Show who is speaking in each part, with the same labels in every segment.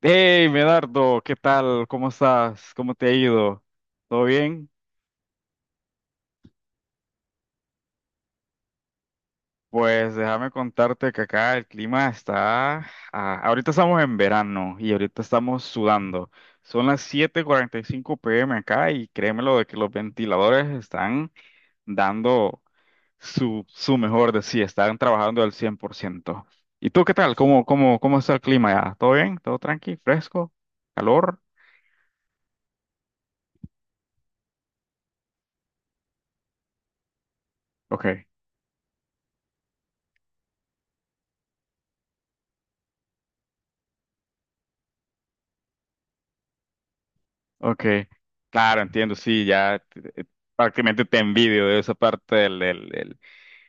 Speaker 1: Hey, Medardo, ¿qué tal? ¿Cómo estás? ¿Cómo te ha ido? ¿Todo bien? Pues déjame contarte que acá el clima está, ahorita estamos en verano y ahorita estamos sudando. Son las 7:45 p.m. acá y créemelo de que los ventiladores están dando su mejor de sí, están trabajando al 100%. ¿Y tú qué tal? ¿Cómo está el clima ya? ¿Todo bien? ¿Todo tranqui? ¿Fresco? ¿Calor? Ok. Ok, claro, entiendo, sí, ya eh, prácticamente te envidio de esa parte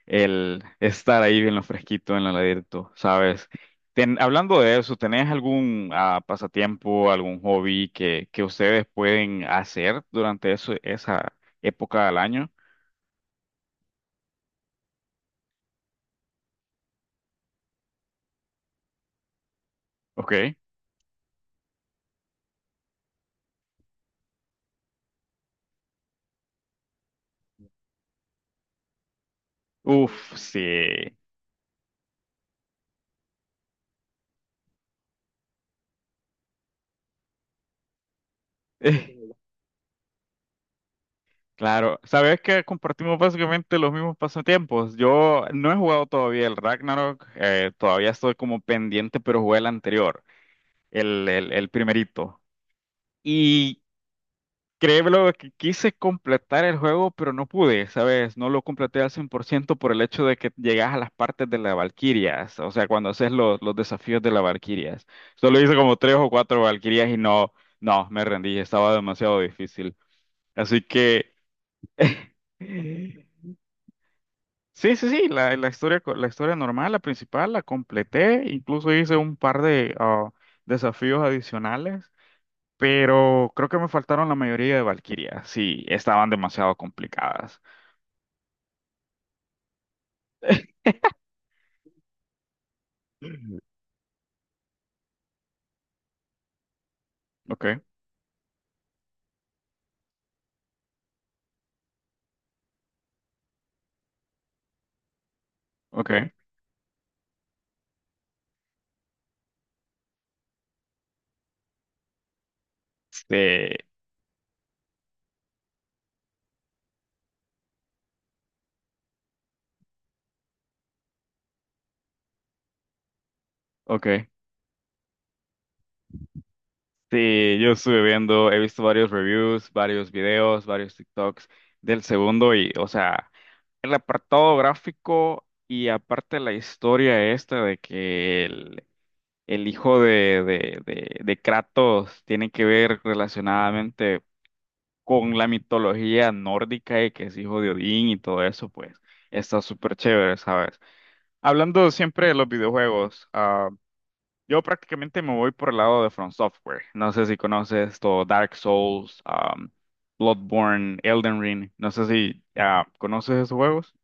Speaker 1: el estar ahí bien lo fresquito en el heladito, ¿sabes? Hablando de eso, ¿tenés algún pasatiempo, algún hobby que ustedes pueden hacer durante esa época del año? Ok, uf, sí. Claro, sabes que compartimos básicamente los mismos pasatiempos. Yo no he jugado todavía el Ragnarok, todavía estoy como pendiente, pero jugué el anterior, el primerito. Y créeme que quise completar el juego, pero no pude, ¿sabes? No lo completé al 100% por ciento por el hecho de que llegas a las partes de las Valquirias, o sea, cuando haces los desafíos de las Valquirias. Solo hice como tres o cuatro Valquirias y no, no, me rendí, estaba demasiado difícil. Así que... Sí, sí, sí, la historia, la historia normal, la principal, la completé, incluso hice un par de desafíos adicionales, pero creo que me faltaron la mayoría de Valkyria, sí, estaban demasiado complicadas. Ok, ok, sí, ok. Sí, yo estuve viendo, he visto varios reviews, varios videos, varios TikToks del segundo y, o sea, el apartado gráfico y aparte la historia esta de que el hijo de Kratos tiene que ver relacionadamente con la mitología nórdica y que es hijo de Odín y todo eso, pues está súper chévere, ¿sabes? Hablando siempre de los videojuegos, yo prácticamente me voy por el lado de From Software. No sé si conoces todo Dark Souls, Bloodborne, Elden Ring. No sé si conoces esos juegos.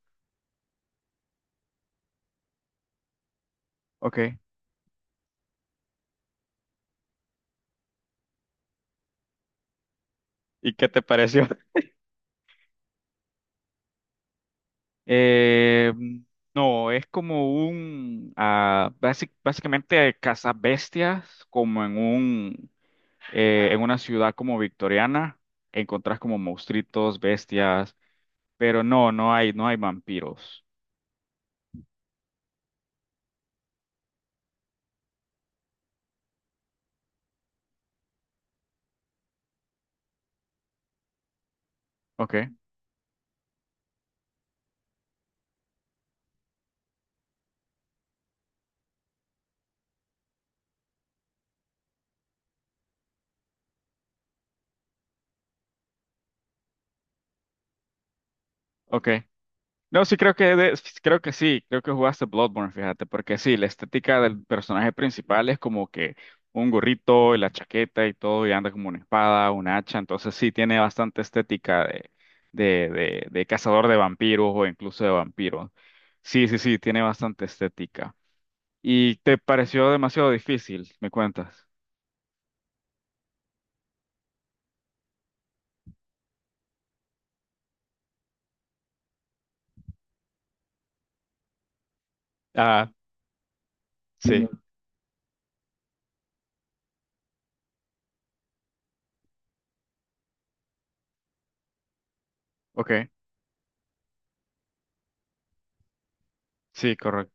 Speaker 1: Ok. ¿Y qué te pareció? Eh, no, es como básicamente cazabestias, como en una ciudad como victoriana, encontrás como monstruitos, bestias, pero no, no hay vampiros. Ok, ok. No, creo que sí, creo que jugaste Bloodborne, fíjate, porque sí, la estética del personaje principal es como que un gorrito y la chaqueta y todo, y anda como una espada, una hacha, entonces sí tiene bastante estética de, de cazador de vampiros o incluso de vampiros. Sí, sí, sí, tiene bastante estética. ¿Y te pareció demasiado difícil? ¿Me cuentas? Ah, sí, ok, sí, correcto,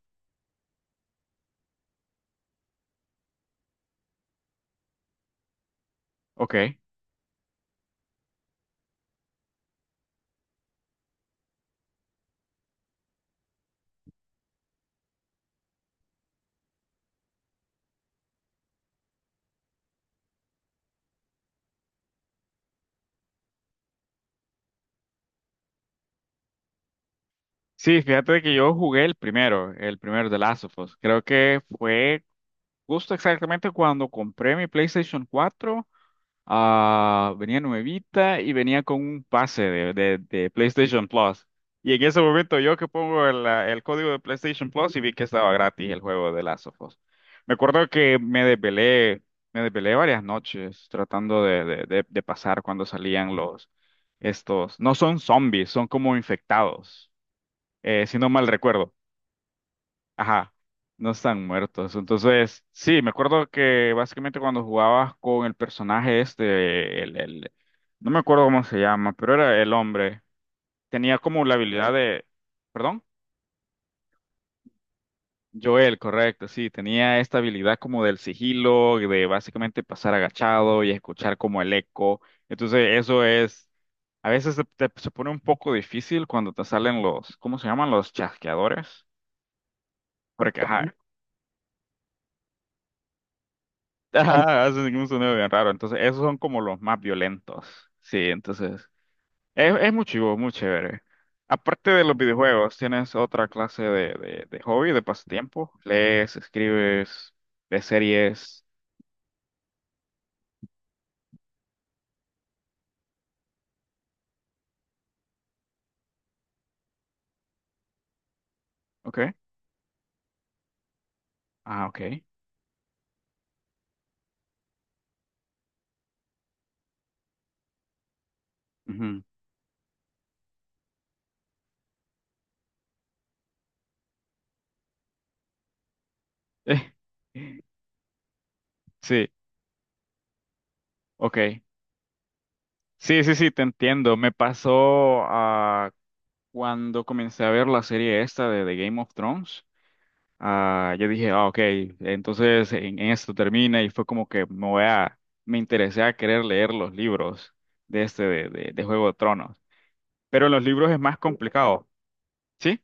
Speaker 1: ok. Sí, fíjate que yo jugué el primero de Last of Us. Creo que fue justo exactamente cuando compré mi PlayStation 4, venía nuevita y venía con un pase de PlayStation Plus. Y en ese momento yo que pongo el código de PlayStation Plus y vi que estaba gratis el juego de Last of Us. Me acuerdo que me desvelé varias noches tratando de pasar cuando salían estos, no son zombies, son como infectados, si no mal recuerdo. Ajá, no están muertos. Entonces, sí, me acuerdo que básicamente cuando jugabas con el personaje este, no me acuerdo cómo se llama, pero era el hombre. Tenía como la habilidad de, perdón, Joel, correcto, sí, tenía esta habilidad como del sigilo, de básicamente pasar agachado y escuchar como el eco. Entonces, eso es, a veces se pone un poco difícil cuando te salen los, ¿cómo se llaman? Los chasqueadores. Porque, ajá, ajá, hacen un sonido bien raro. Entonces, esos son como los más violentos. Sí, entonces, es muy chivo, muy chévere. Aparte de los videojuegos, ¿tienes otra clase de hobby, de pasatiempo? ¿Lees, escribes, ves series? ¿Ok? Ah, ok. Ujú. Eh, Sí, ok. Sí, sí, sí, te entiendo. Me pasó cuando comencé a ver la serie esta de Game of Thrones. Ah, yo dije, ah, ok, entonces en esto termina y fue como que me voy a, me interesé a querer leer los libros de este, de Juego de Tronos. Pero en los libros es más complicado, ¿sí?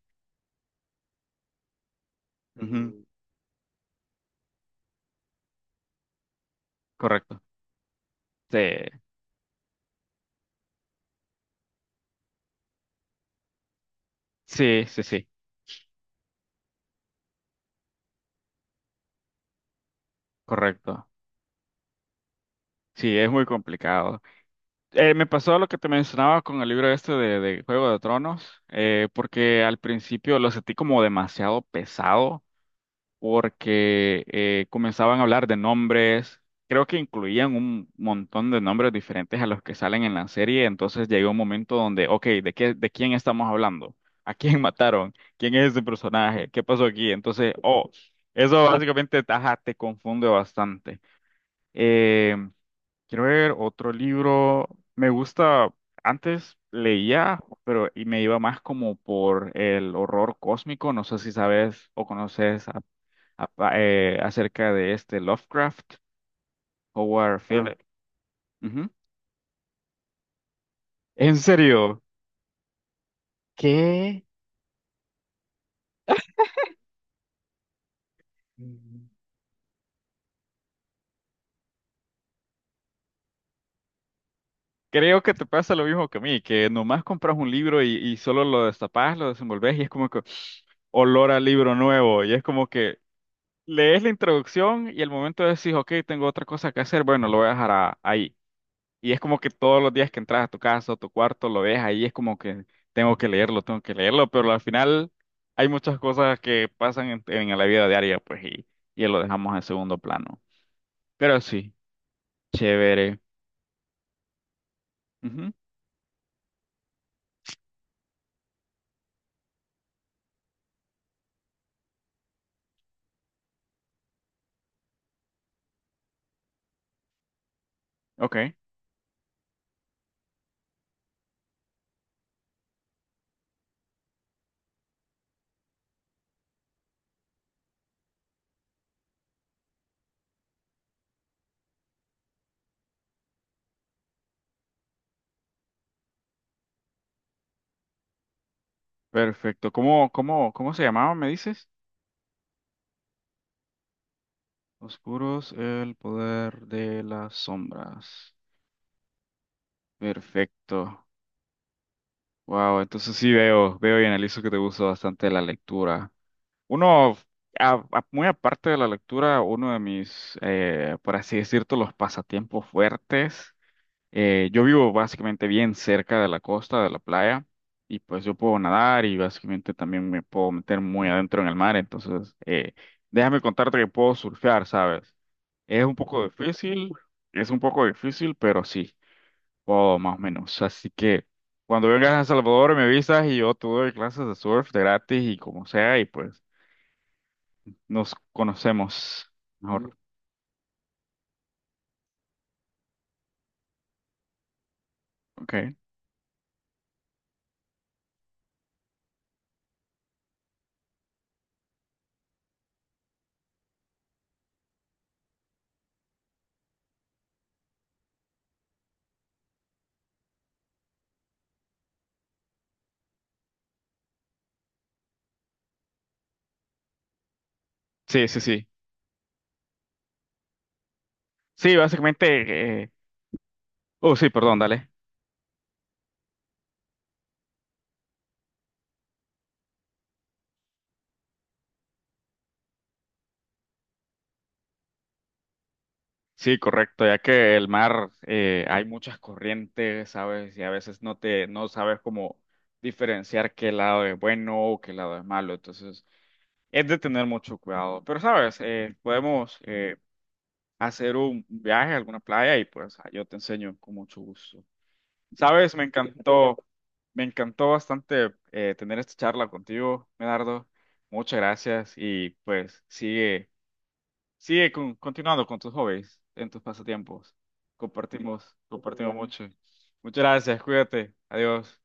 Speaker 1: Ujú, mm, correcto. Sí, sí, sí, sí, correcto. Sí, es muy complicado. Me pasó lo que te mencionaba con el libro este de Juego de Tronos, porque al principio lo sentí como demasiado pesado porque comenzaban a hablar de nombres, creo que incluían un montón de nombres diferentes a los que salen en la serie, entonces llegó un momento donde, ok, de quién estamos hablando? ¿A quién mataron? ¿Quién es ese personaje? ¿Qué pasó aquí? Entonces, oh, eso básicamente, ajá, te confunde bastante. Eh, Quiero ver otro libro, me gusta, antes leía, pero y me iba más como por el horror cósmico, no sé si sabes o conoces acerca de este Lovecraft, Howard Phillips. Ujú. En serio, ¿qué? Mm. Creo que te pasa lo mismo que a mí, que nomás compras un libro y solo lo destapas, lo desenvolves y es como que olor a libro nuevo y es como que lees la introducción y al momento decís, ok, tengo otra cosa que hacer, bueno, lo voy a dejar ahí. Y es como que todos los días que entras a tu casa o tu cuarto lo ves ahí, es como que tengo que leerlo, pero al final hay muchas cosas que pasan en la vida diaria, pues, y lo dejamos en segundo plano. Pero sí, chévere. Ujú, ok, perfecto. ¿Cómo se llamaba, me dices? Oscuros, el poder de las sombras. Perfecto. Wow, entonces sí veo, veo y analizo que te gusta bastante la lectura. Uno, muy aparte de la lectura, uno de mis, por así decirlo, los pasatiempos fuertes, yo vivo básicamente bien cerca de la costa, de la playa, y pues yo puedo nadar y básicamente también me puedo meter muy adentro en el mar, entonces déjame contarte que puedo surfear, ¿sabes? Es un poco difícil, pero sí, puedo más o menos, así que... Cuando vengas a El Salvador me avisas y yo te doy clases de surf de gratis y como sea y pues nos conocemos. Mm, mejor. Ok. Sí, sí, sí. Sí, básicamente. Oh, sí, perdón, dale. Sí, correcto, ya que el mar hay muchas corrientes, ¿sabes? Y a veces no sabes cómo diferenciar qué lado es bueno o qué lado es malo. Entonces, es de tener mucho cuidado. Pero, ¿sabes? Podemos hacer un viaje a alguna playa y pues yo te enseño con mucho gusto. Sabes, me encantó bastante tener esta charla contigo, Medardo. Muchas gracias y pues sigue, continuando con tus hobbies, en tus pasatiempos. Compartimos mucho. Muchas gracias, cuídate, adiós.